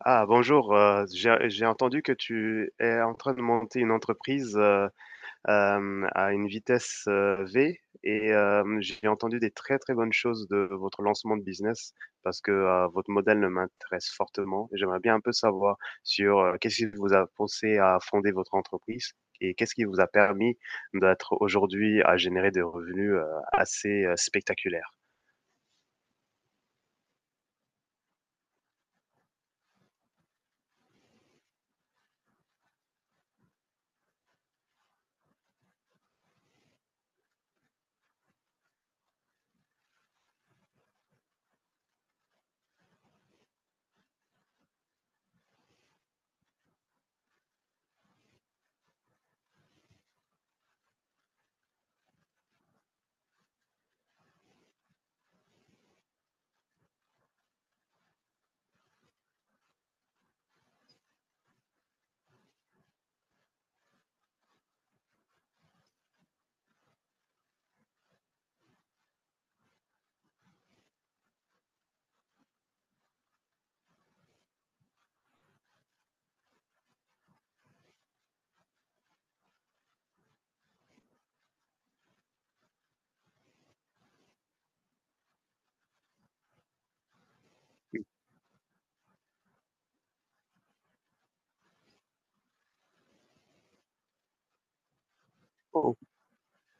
Ah, bonjour. J'ai entendu que tu es en train de monter une entreprise à une vitesse V et j'ai entendu des très très bonnes choses de votre lancement de business parce que votre modèle ne m'intéresse fortement. J'aimerais bien un peu savoir sur qu'est-ce qui vous a poussé à fonder votre entreprise et qu'est-ce qui vous a permis d'être aujourd'hui à générer des revenus assez spectaculaires.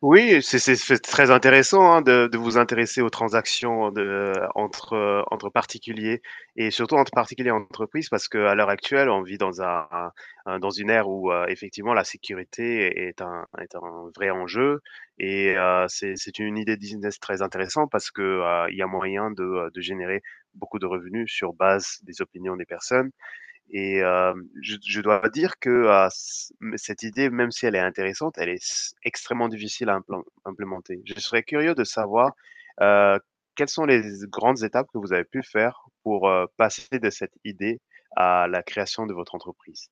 Oui, c'est très intéressant, hein, de vous intéresser aux transactions de entre, entre particuliers et surtout entre particuliers et entreprises parce qu'à l'heure actuelle, on vit dans un dans une ère où, effectivement la sécurité est un vrai enjeu et c'est une idée de business très intéressante parce que, il y a moyen de générer beaucoup de revenus sur base des opinions des personnes et je dois dire que cette idée, même si elle est intéressante, elle est extrêmement difficile à implémenter. Je serais curieux de savoir euh, quelles sont les grandes étapes que vous avez pu faire pour passer de cette idée à la création de votre entreprise.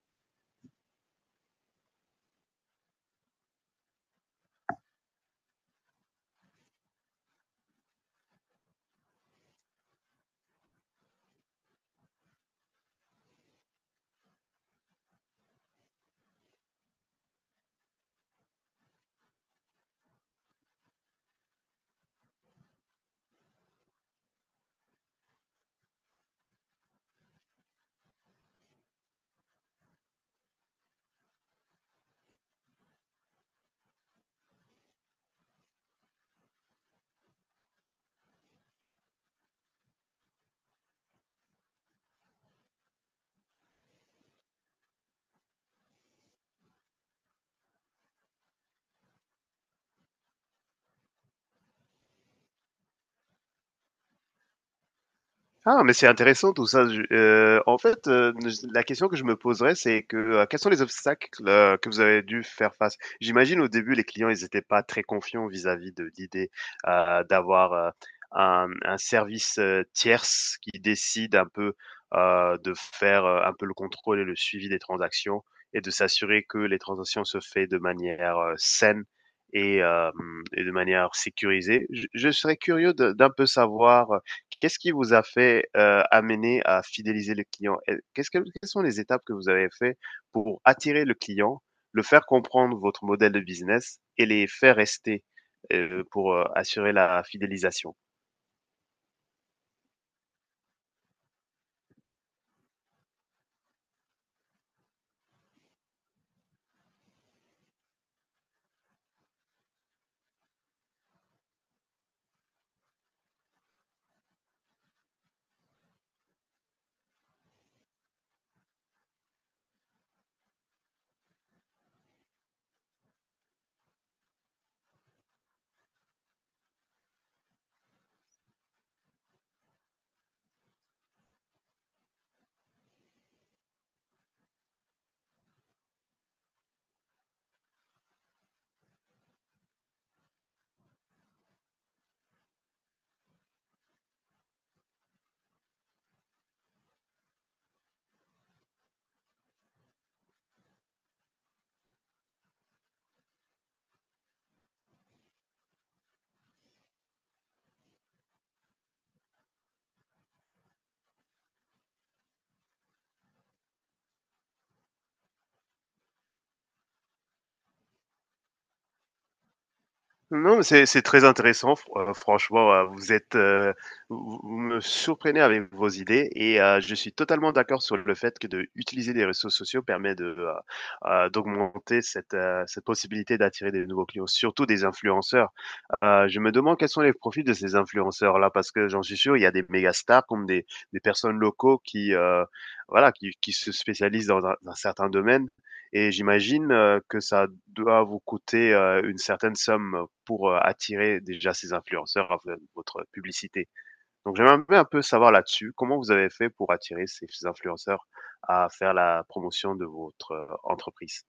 Ah, mais c'est intéressant tout ça. En fait, la question que je me poserais, c'est que quels sont les obstacles que vous avez dû faire face? J'imagine au début, les clients, ils n'étaient pas très confiants vis-à-vis de l'idée d'avoir un service tierce qui décide un peu de faire un peu le contrôle et le suivi des transactions et de s'assurer que les transactions se fait de manière saine et, euh, et de manière sécurisée. Je serais curieux d'un peu savoir. Qu'est-ce qui vous a fait, amener à fidéliser le client? Et qu'est-ce que quelles sont les étapes que vous avez fait pour attirer le client, le faire comprendre votre modèle de business et les faire rester, pour, assurer la fidélisation? Non, mais c'est très intéressant fr franchement, vous êtes, vous me surprenez avec vos idées et je suis totalement d'accord sur le fait que de utiliser les réseaux sociaux permet de, d'augmenter cette, cette possibilité d'attirer des nouveaux clients, surtout des influenceurs. Je me demande quels sont les profils de ces influenceurs-là, parce que j'en suis sûr, il y a des méga stars comme des personnes locaux qui, voilà, qui se spécialisent dans un certain domaine et j'imagine, que ça doit vous coûter, une certaine somme pour, attirer déjà ces influenceurs à v votre publicité. Donc j'aimerais un peu savoir là-dessus, comment vous avez fait pour attirer ces influenceurs à faire la promotion de votre entreprise?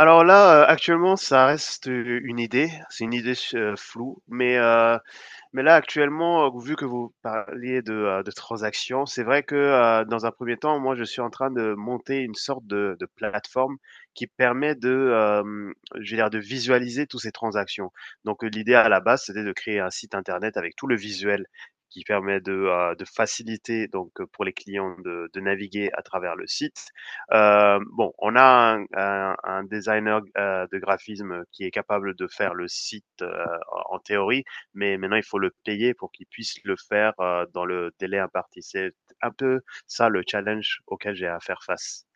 Alors là, actuellement, ça reste, une idée. C'est une idée s floue, mais là, actuellement, vu que vous parliez de transactions, c'est vrai que, dans un premier temps, moi, je suis en train de monter une sorte de plateforme qui permet de, je veux dire, de visualiser toutes ces transactions. Donc, l'idée à la base, c'était de créer un site internet avec tout le visuel qui permet de faciliter donc, pour les clients de naviguer à travers le site. Bon, on a un designer, de graphisme qui est capable de faire le site, en en théorie, mais maintenant il faut le payer pour qu'il puisse le faire dans le délai imparti. C'est un peu ça le challenge auquel j'ai à faire face.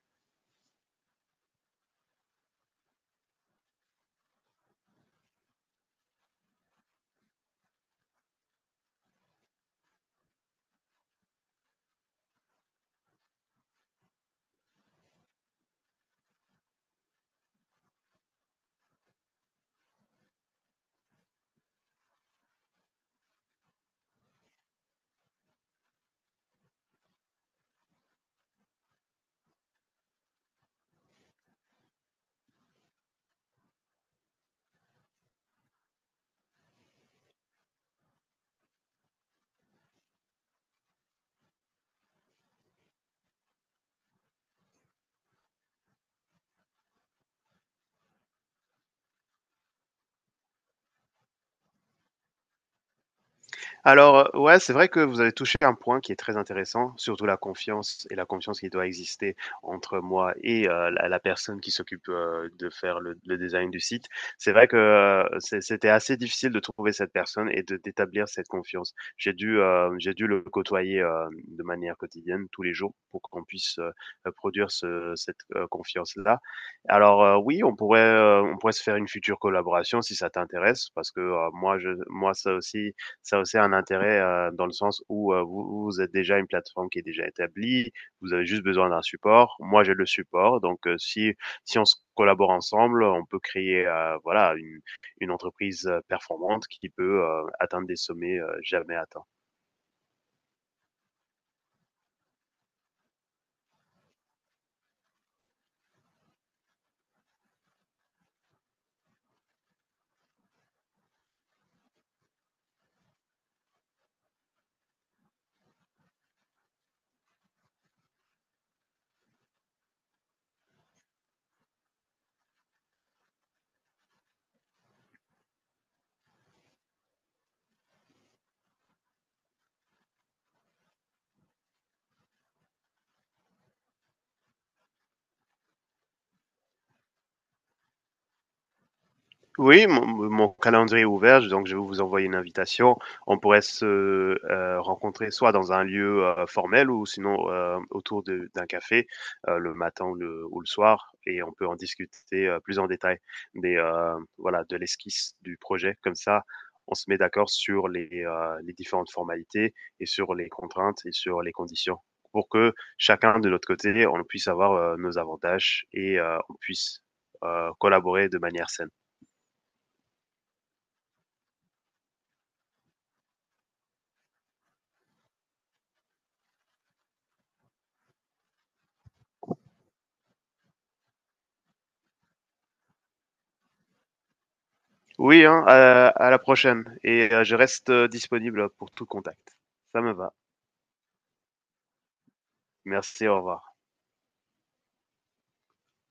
Alors, ouais, c'est vrai que vous avez touché un point qui est très intéressant, surtout la confiance qui doit exister entre moi et la personne qui s'occupe, de faire le design du site. C'est vrai que, c'est c'était assez difficile de trouver cette personne et de d'établir cette confiance. J'ai dû le côtoyer, de manière quotidienne, tous les jours, pour qu'on puisse, produire ce cette, confiance-là. Alors, oui, on pourrait se faire une future collaboration si ça t'intéresse parce que, moi ça aussi ça a aussi un intérêt dans le sens où vous, vous êtes déjà une plateforme qui est déjà établie, vous avez juste besoin d'un support. Moi, j'ai le support, donc si on se collabore ensemble, on peut créer voilà une entreprise performante qui peut atteindre des sommets jamais atteints. Oui, mon calendrier est ouvert, donc je vais vous envoyer une invitation. On pourrait se, rencontrer soit dans un lieu, formel ou sinon, autour de d'un café, le matin ou le soir et on peut en discuter, plus en détail des, voilà, de l'esquisse du projet. Comme ça, on se met d'accord sur les différentes formalités et sur les contraintes et sur les conditions pour que chacun de notre côté, on puisse avoir, nos avantages et on puisse, collaborer de manière saine. Oui, hein, à la prochaine. Et je reste disponible pour tout contact. Ça me va. Merci, au revoir.